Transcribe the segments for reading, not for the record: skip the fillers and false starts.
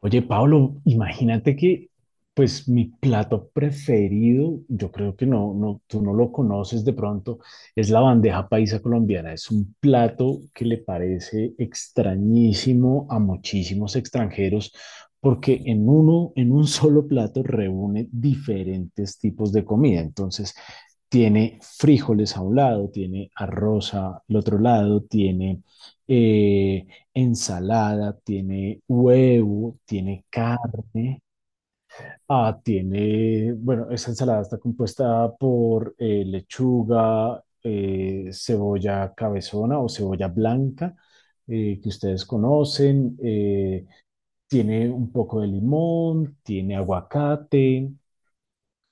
Oye, Pablo, imagínate que, pues, mi plato preferido, yo creo que no, no, tú no lo conoces de pronto. Es la bandeja paisa colombiana. Es un plato que le parece extrañísimo a muchísimos extranjeros porque en un solo plato reúne diferentes tipos de comida. Entonces, tiene frijoles a un lado, tiene arroz al otro lado, tiene... eh, ensalada, tiene huevo, tiene carne. Ah, bueno, esa ensalada está compuesta por lechuga, cebolla cabezona o cebolla blanca, que ustedes conocen. Tiene un poco de limón, tiene aguacate.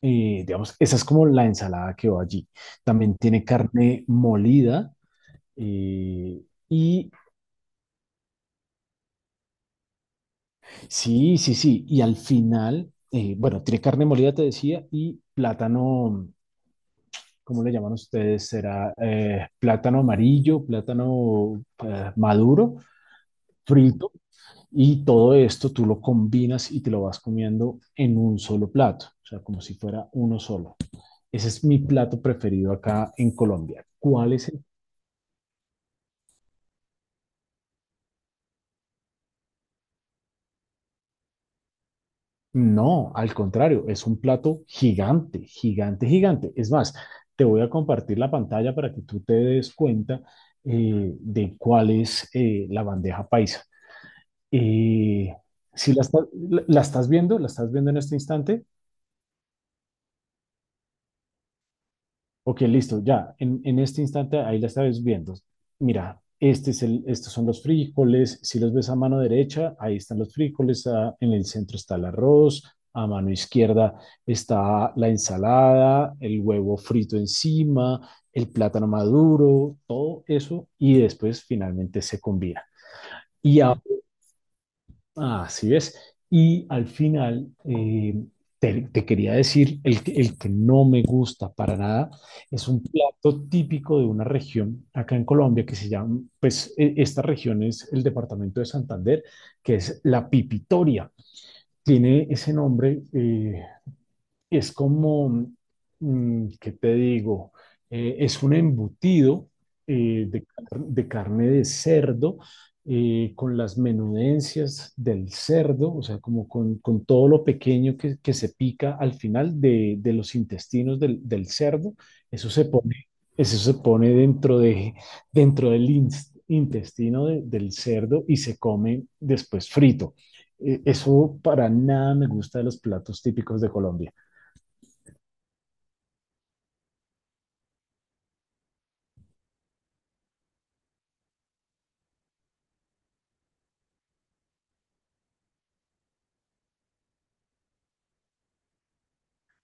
Digamos, esa es como la ensalada que va allí. También tiene carne molida. eh, y Sí, sí, sí. Y al final, bueno, tiene carne molida, te decía, y plátano. ¿Cómo le llaman ustedes? Será plátano amarillo, plátano, maduro, frito. Y todo esto tú lo combinas y te lo vas comiendo en un solo plato, o sea, como si fuera uno solo. Ese es mi plato preferido acá en Colombia. ¿Cuál es No, al contrario, es un plato gigante, gigante, gigante. Es más, te voy a compartir la pantalla para que tú te des cuenta de cuál es la bandeja paisa. Eh, si la estás viendo, la estás viendo en este instante. Ok, listo, ya. En este instante ahí la estás viendo. Mira, estos son los frijoles. Si los ves a mano derecha, ahí están los frijoles. En el centro está el arroz. A mano izquierda está la ensalada, el huevo frito encima, el plátano maduro, todo eso. Y después finalmente se combina. Y mm. Ahora, ah, así es. Y al final, te quería decir, el que no me gusta para nada es un plato típico de una región acá en Colombia que se llama, pues, esta región es el departamento de Santander, que es la pipitoria. Tiene ese nombre, es como, ¿qué te digo? Es un embutido, de carne de cerdo con las menudencias del cerdo, o sea, como con todo lo pequeño que se pica al final de los intestinos del cerdo. Eso se pone, eso se pone dentro del intestino del cerdo y se come después frito. Eso para nada me gusta de los platos típicos de Colombia.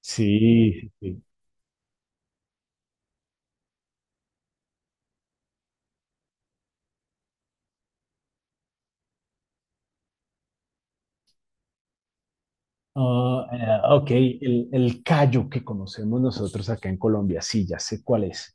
Sí, sí, sí. Ah, ok, el callo que conocemos nosotros acá en Colombia, sí, ya sé cuál es.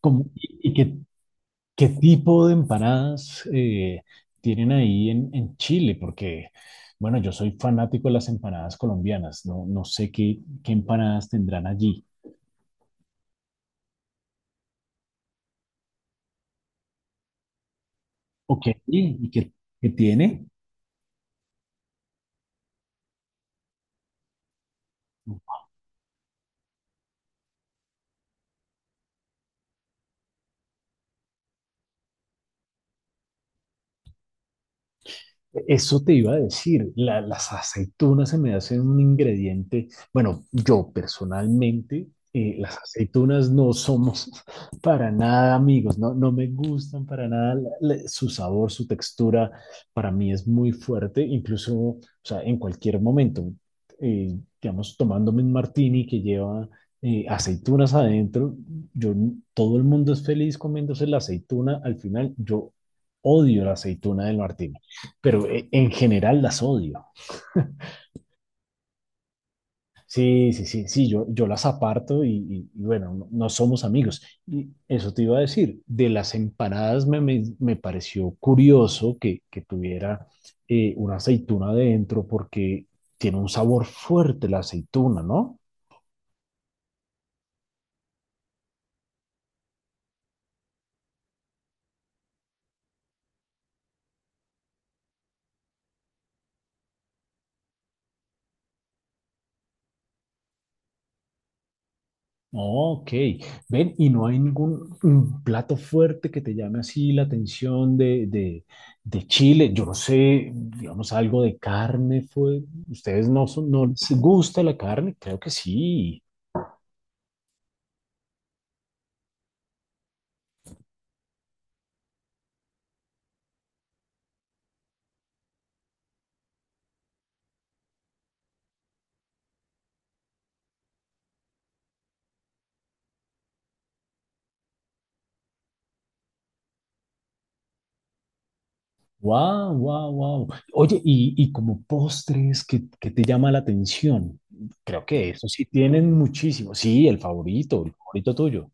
¿Cómo- y, y qué, qué tipo de empanadas tienen ahí en Chile? Porque, bueno, yo soy fanático de las empanadas colombianas, no sé qué empanadas tendrán allí. Ok, ¿y qué tiene? Eso te iba a decir, las aceitunas se me hacen un ingrediente, bueno, yo personalmente, las aceitunas no somos para nada amigos, no me gustan para nada, su sabor, su textura, para mí es muy fuerte. Incluso, o sea, en cualquier momento, eh, digamos, tomándome un martini que lleva aceitunas adentro, yo, todo el mundo es feliz comiéndose la aceituna, al final yo odio la aceituna del martini, pero en general las odio. Sí, sí, sí, sí, yo las aparto y, y bueno, no, no somos amigos. Y eso te iba a decir, de las empanadas me pareció curioso que tuviera una aceituna adentro porque tiene un sabor fuerte la aceituna, ¿no? Ok, ven, y no hay ningún plato fuerte que te llame así la atención de Chile. Yo no sé, digamos, algo de carne fue. ¿Ustedes no les gusta la carne? Creo que sí. Wow, wow, wow. Oye, y como postres, ¿qué te llama la atención? Creo que eso sí tienen muchísimo. Sí, el favorito tuyo.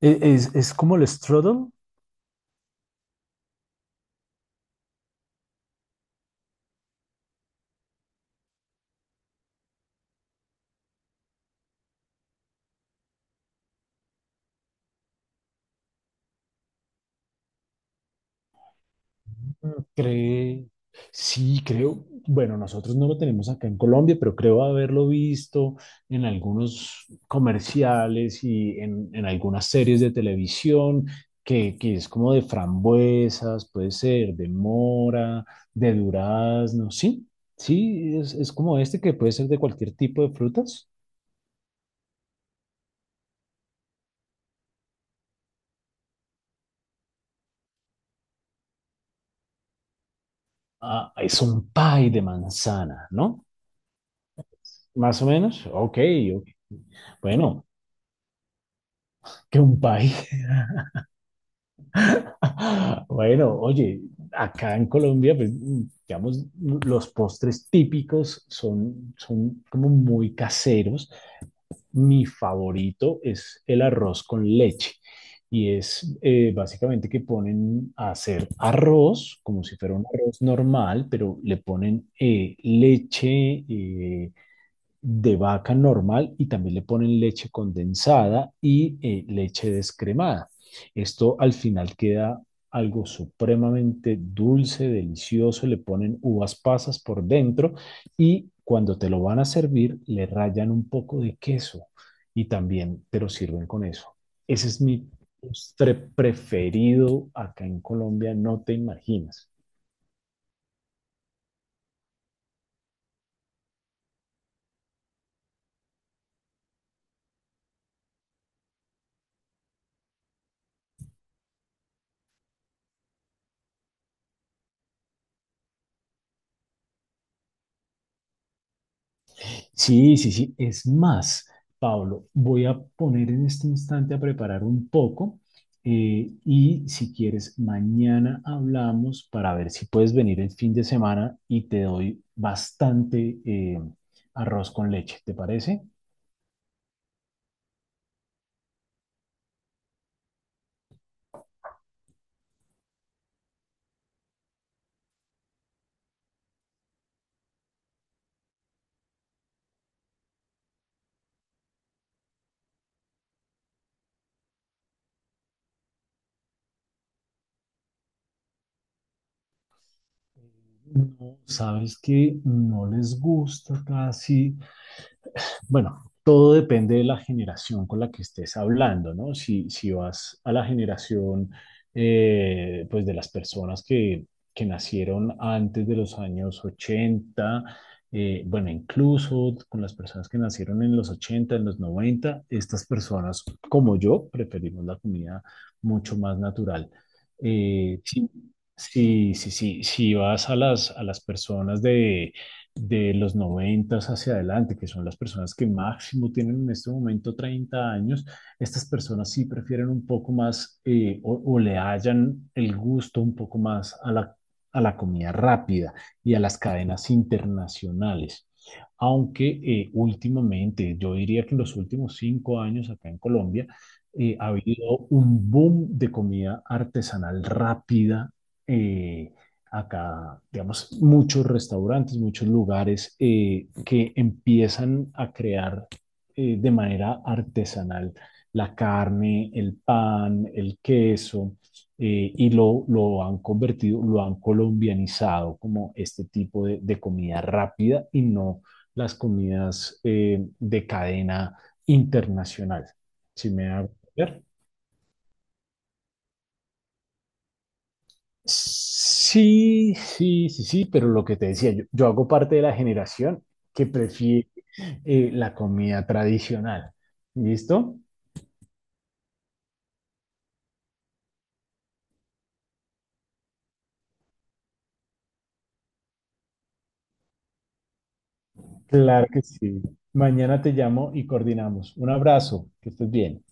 ¿Es como el strudel? Cree, sí, creo, bueno, nosotros no lo tenemos acá en Colombia, pero creo haberlo visto en algunos comerciales y en algunas series de televisión, que es como de frambuesas, puede ser, de mora, de durazno. Sí, sí, es como este que puede ser de cualquier tipo de frutas. Ah, es un pie de manzana, ¿no? Más o menos, ok, ok. Bueno, que un pie. Bueno, oye, acá en Colombia, pues, digamos, los postres típicos son como muy caseros. Mi favorito es el arroz con leche. Y es básicamente que ponen a hacer arroz, como si fuera un arroz normal, pero le ponen leche, de vaca normal, y también le ponen leche condensada y leche descremada. Esto al final queda algo supremamente dulce, delicioso. Le ponen uvas pasas por dentro y cuando te lo van a servir le rayan un poco de queso y también te lo sirven con eso. Ese es mi postre preferido acá en Colombia, no te imaginas. Sí, sí, sí. Es más, Pablo, voy a poner en este instante a preparar un poco, y si quieres, mañana hablamos para ver si puedes venir el fin de semana y te doy bastante arroz con leche, ¿te parece? Sabes que no les gusta casi. Bueno, todo depende de la generación con la que estés hablando, ¿no? Si vas a la generación, pues, de las personas que nacieron antes de los años 80, bueno, incluso con las personas que nacieron en los 80, en los 90, estas personas, como yo, preferimos la comida mucho más natural. Sí, sí, sí, sí, si vas a las, personas de los 90s hacia adelante, que son las personas que máximo tienen en este momento 30 años, estas personas sí prefieren un poco más, o, le hallan el gusto un poco más a la comida rápida y a las cadenas internacionales. Aunque últimamente, yo diría que en los últimos 5 años acá en Colombia ha habido un boom de comida artesanal rápida eh, acá. Digamos, muchos restaurantes, muchos lugares que empiezan a crear de manera artesanal la carne, el pan, el queso, y lo han convertido, lo han colombianizado como este tipo de comida rápida y no las comidas de cadena internacional. Si me hago ver. Sí, sí, sí, sí, pero lo que te decía, yo hago parte de la generación que prefiere la comida tradicional. ¿Listo? Claro que sí. Mañana te llamo y coordinamos. Un abrazo, que estés bien.